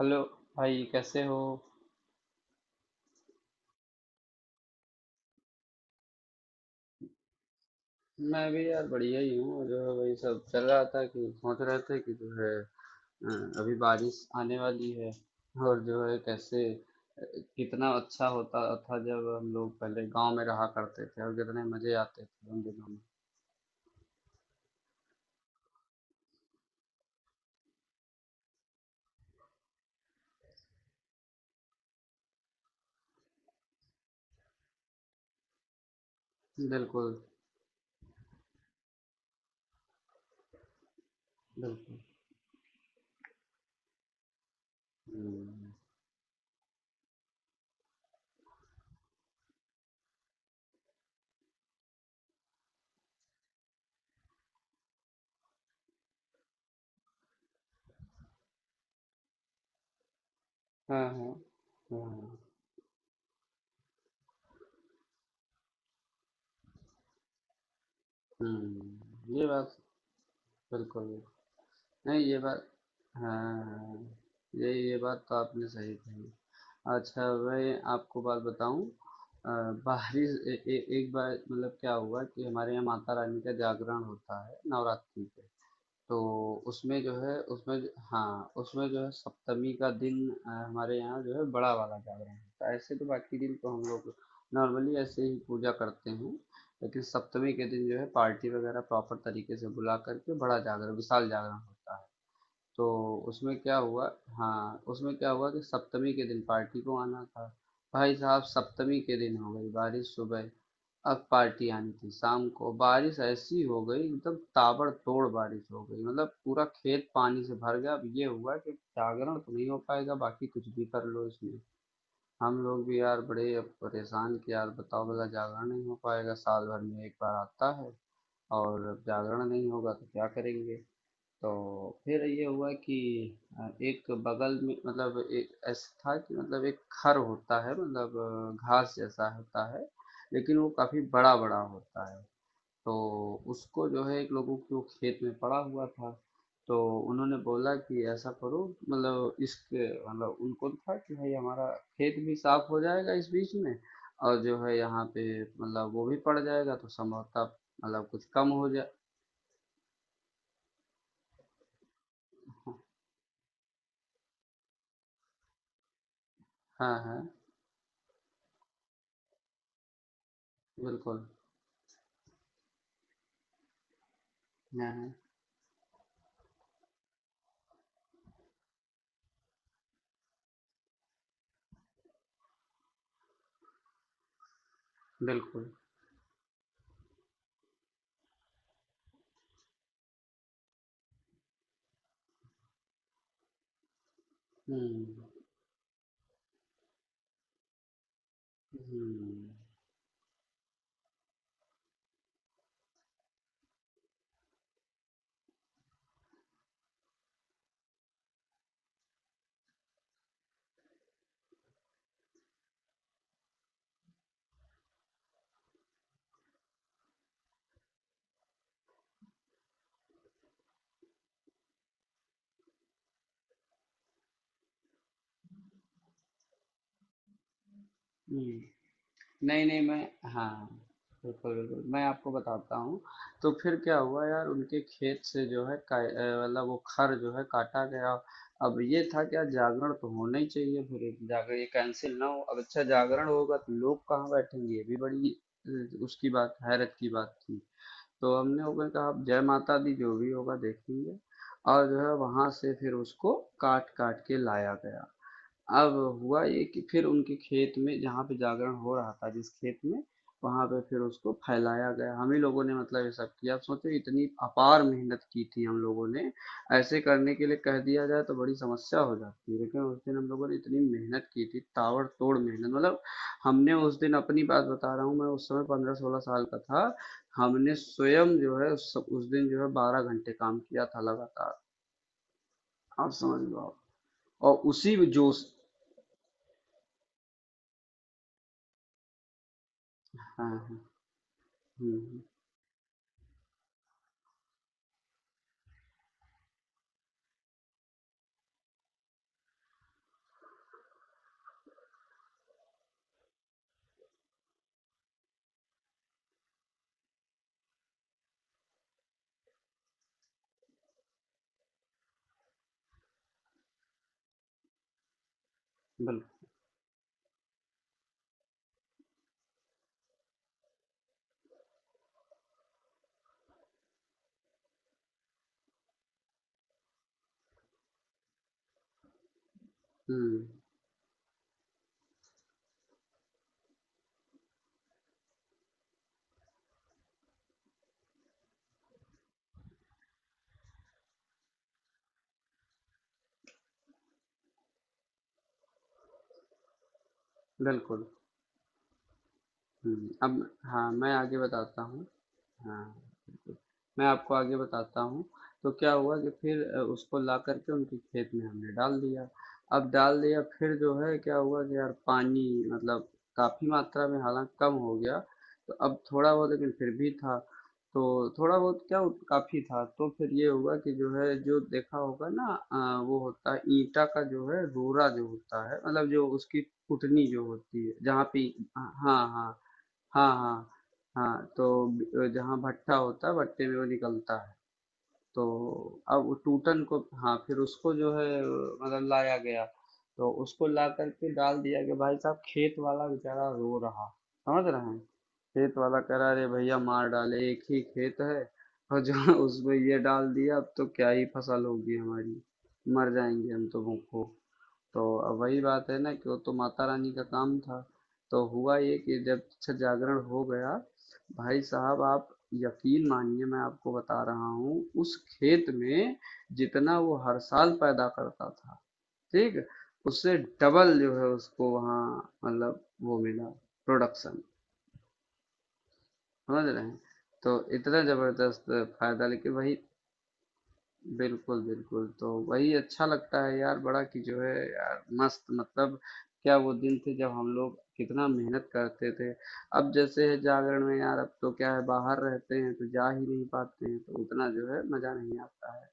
Hello. भाई कैसे हो? मैं भी यार बढ़िया ही हूँ। जो है वही सब चल रहा था कि सोच रहे थे कि जो है अ, अभी बारिश आने वाली है। और जो है कैसे कितना अच्छा होता था जब हम लोग पहले गांव में रहा करते थे, और कितने मजे आते थे उन दिनों में। बिल्कुल बिल्कुल। हम्म। हाँ हाँ। हाँ हाँ। हम्म, ये बात बिल्कुल। नहीं, ये बात हाँ हाँ, ये बात तो आपने सही कही। अच्छा, मैं आपको बात बताऊँ। अ, बाहरी ए, ए, एक बार मतलब क्या हुआ कि हमारे यहाँ माता रानी का जागरण होता है नवरात्रि पे। तो उसमें जो है हाँ, उसमें जो है सप्तमी का दिन हमारे यहाँ जो है बड़ा वाला जागरण होता है। ऐसे तो बाकी दिन तो हम लोग नॉर्मली ऐसे ही पूजा करते हैं, लेकिन सप्तमी के दिन जो है पार्टी वगैरह प्रॉपर तरीके से बुला करके बड़ा जागरण विशाल जागरण होता है। तो उसमें क्या हुआ? हाँ, उसमें क्या हुआ कि सप्तमी के दिन पार्टी को आना था। भाई साहब, सप्तमी के दिन हो गई बारिश सुबह। अब पार्टी आनी थी शाम को, बारिश ऐसी हो गई एकदम ताबड़तोड़ बारिश हो गई मतलब पूरा खेत पानी से भर गया। अब ये हुआ कि जागरण तो नहीं हो पाएगा बाकी कुछ भी कर लो इसमें। हम लोग भी यार बड़े अब परेशान कि यार बताओ भला जागरण नहीं हो पाएगा, साल भर में एक बार आता है, और अब जागरण नहीं होगा तो क्या करेंगे। तो फिर ये हुआ कि एक बगल में मतलब एक ऐसा था कि मतलब एक खर होता है मतलब घास जैसा होता है, लेकिन वो काफी बड़ा बड़ा होता है। तो उसको जो है एक लोगों के वो खेत में पड़ा हुआ था। तो उन्होंने बोला कि ऐसा करो मतलब इसके मतलब उनको था कि भाई हमारा खेत भी साफ हो जाएगा इस बीच में, और जो है यहाँ पे मतलब वो भी पड़ जाएगा तो संभवतः मतलब कुछ कम हो जाए। हाँ हाँ बिल्कुल। हाँ हाँ बिल्कुल। हुँ, हुँ, हुँ। नहीं, नहीं, मैं हाँ, बिल्कुल, बिल्कुल। मैं आपको बताता हूँ। तो फिर क्या हुआ यार उनके खेत से जो है का मतलब वो खर जो है काटा गया। अब ये था कि यार जागरण तो होना ही चाहिए फिर जाकर ये कैंसल ना हो। अब अच्छा जागरण होगा तो लोग कहाँ बैठेंगे ये भी बड़ी उसकी बात हैरत की बात थी। तो हम लोगों ने कहा अब जय माता दी, जो भी होगा देखेंगे। और जो है वहाँ से फिर उसको काट-काट के लाया गया। अब हुआ ये कि फिर उनके खेत में जहाँ पे जागरण हो रहा था जिस खेत में, वहां पे फिर उसको फैलाया गया। हम ही लोगों ने मतलब ये सब किया। आप सोचो इतनी अपार मेहनत की थी हम लोगों ने। ऐसे करने के लिए कह दिया जाए तो बड़ी समस्या हो जाती है, लेकिन उस दिन हम लोगों ने इतनी मेहनत की थी ताबड़तोड़ मेहनत मतलब हमने उस दिन, अपनी बात बता रहा हूँ मैं, उस समय 15-16 साल का था। हमने स्वयं जो है उस दिन जो है 12 घंटे काम किया था लगातार। आप समझ लो आप। और उसी जोश। हाँ हाँ, हम्म हम्म। बिल्कुल। हुँ। बिल्कुल। हुँ। अब हाँ, मैं आगे बताता हूँ। हाँ, बिल्कुल। मैं आपको आगे बताता हूँ। तो क्या हुआ कि फिर उसको ला करके उनके खेत में हमने डाल दिया। अब डाल दिया फिर जो है क्या हुआ कि यार पानी मतलब काफी मात्रा में हालांकि कम हो गया। तो अब थोड़ा बहुत लेकिन फिर भी था। तो थोड़ा बहुत क्या काफी था। तो फिर ये हुआ कि जो है जो देखा होगा ना वो होता है ईंटा का जो है रोरा जो होता है मतलब जो उसकी कुटनी जो होती है जहाँ पे हाँ हाँ हाँ। हाँ हाँ हाँ, तो जहाँ भट्टा होता है भट्टे में वो निकलता है। तो अब वो टूटन को, हाँ, फिर उसको जो है मतलब लाया गया। तो उसको ला करके डाल दिया कि भाई साहब खेत वाला बेचारा रो रहा, समझ रहे हैं? खेत वाला कह रहा अरे भैया मार डाले, एक ही खेत है, और जहाँ उसमें ये डाल दिया अब तो क्या ही फसल होगी हमारी, मर जाएंगे हम तो भूखों। तो अब वही बात है ना कि वो तो माता रानी का काम था। तो हुआ ये कि जब अच्छा जागरण हो गया, भाई साहब आप यकीन मानिए मैं आपको बता रहा हूँ उस खेत में जितना वो हर साल पैदा करता था, ठीक, उससे डबल जो है उसको वहाँ मतलब वो मिला, प्रोडक्शन। समझ रहे हैं? तो इतना जबरदस्त फायदा, लेकिन वही। बिल्कुल, बिल्कुल। तो वही अच्छा लगता है यार बड़ा कि जो है यार मस्त मतलब क्या वो दिन थे जब हम लोग कितना मेहनत करते थे। अब जैसे है जागरण में यार अब तो क्या है बाहर रहते हैं तो जा ही नहीं पाते हैं तो उतना जो है मज़ा नहीं आता है।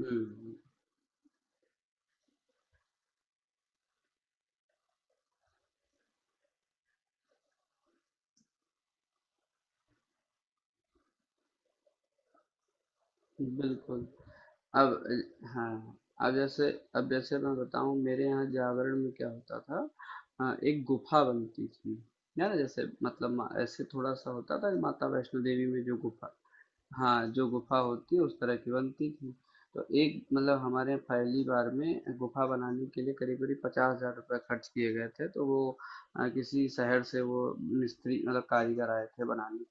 हुँ। बिल्कुल। अब हाँ, अब जैसे मैं बताऊँ मेरे यहाँ जागरण में क्या होता था। एक गुफ़ा बनती थी। है ना? जैसे मतलब म ऐसे थोड़ा-सा होता था कि माता वैष्णो देवी में जो गुफ़ा, हाँ, जो गुफा होती है उस तरह की बनती थी। तो एक मतलब हमारे यहाँ पहली बार में गुफा बनाने के लिए करीब करीब 50,000 रुपये खर्च किए गए थे। तो वो किसी शहर से वो मिस्त्री मतलब कारीगर आए थे बनाने।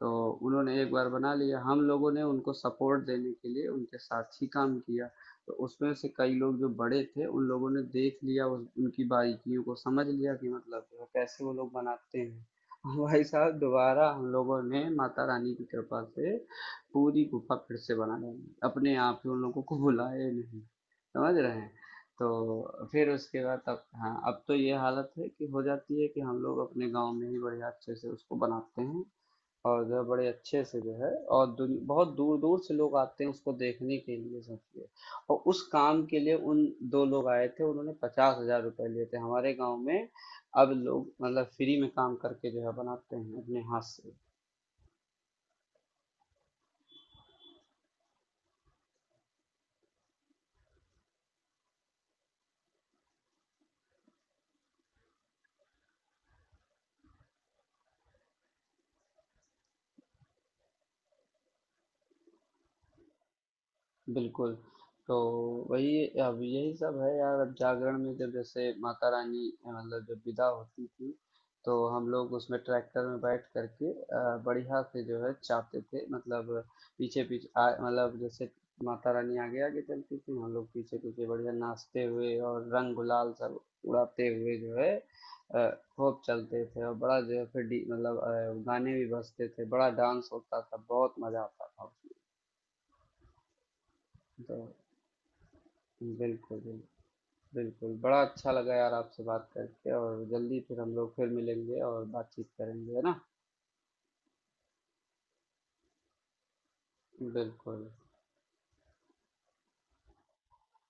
तो उन्होंने एक बार बना लिया। हम लोगों ने उनको सपोर्ट देने के लिए उनके साथ ही काम किया। तो उसमें से कई लोग जो बड़े थे उन लोगों ने देख लिया उस उनकी बारीकियों को समझ लिया कि मतलब जो है कैसे वो लोग बनाते हैं। भाई साहब दोबारा हम लोगों ने माता रानी की कृपा से पूरी गुफा फिर से बना ली अपने आप ही, उन लोगों को बुलाए नहीं। समझ रहे हैं? तो फिर उसके बाद अब हाँ अब तो ये हालत है कि हो जाती है कि हम लोग अपने गांव में ही बढ़िया अच्छे से उसको बनाते हैं, और जो है बड़े अच्छे से जो है और दुन बहुत दूर-दूर से लोग आते हैं उसको देखने के लिए, समझिए। और उस काम के लिए उन 2 लोग आए थे, उन्होंने 50,000 रुपए लिए थे। हमारे गाँव में अब लोग मतलब फ्री में काम करके जो है बनाते हैं अपने हाथ से। बिल्कुल। तो वही अब यही सब है यार अब जागरण में जब जैसे माता रानी मतलब जब विदा होती थी तो हम लोग उसमें ट्रैक्टर में बैठ करके बढ़िया से जो है चाहते थे मतलब पीछे पीछे मतलब जैसे माता रानी आगे आगे चलती थी हम लोग पीछे पीछे बढ़िया नाचते हुए और रंग गुलाल सब उड़ाते हुए जो है अ, खूब चलते थे, और बड़ा जो है फिर मतलब गाने भी बजते थे बड़ा डांस होता था बहुत मजा आता था उसमें। तो बिल्कुल बिल्कुल। बिल्कुल, बड़ा अच्छा लगा यार आपसे बात करके, और जल्दी फिर हम लोग फिर मिलेंगे और बातचीत करेंगे, है ना? बिल्कुल,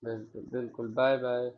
बिल्कुल, बिल्कुल, बाय बाय।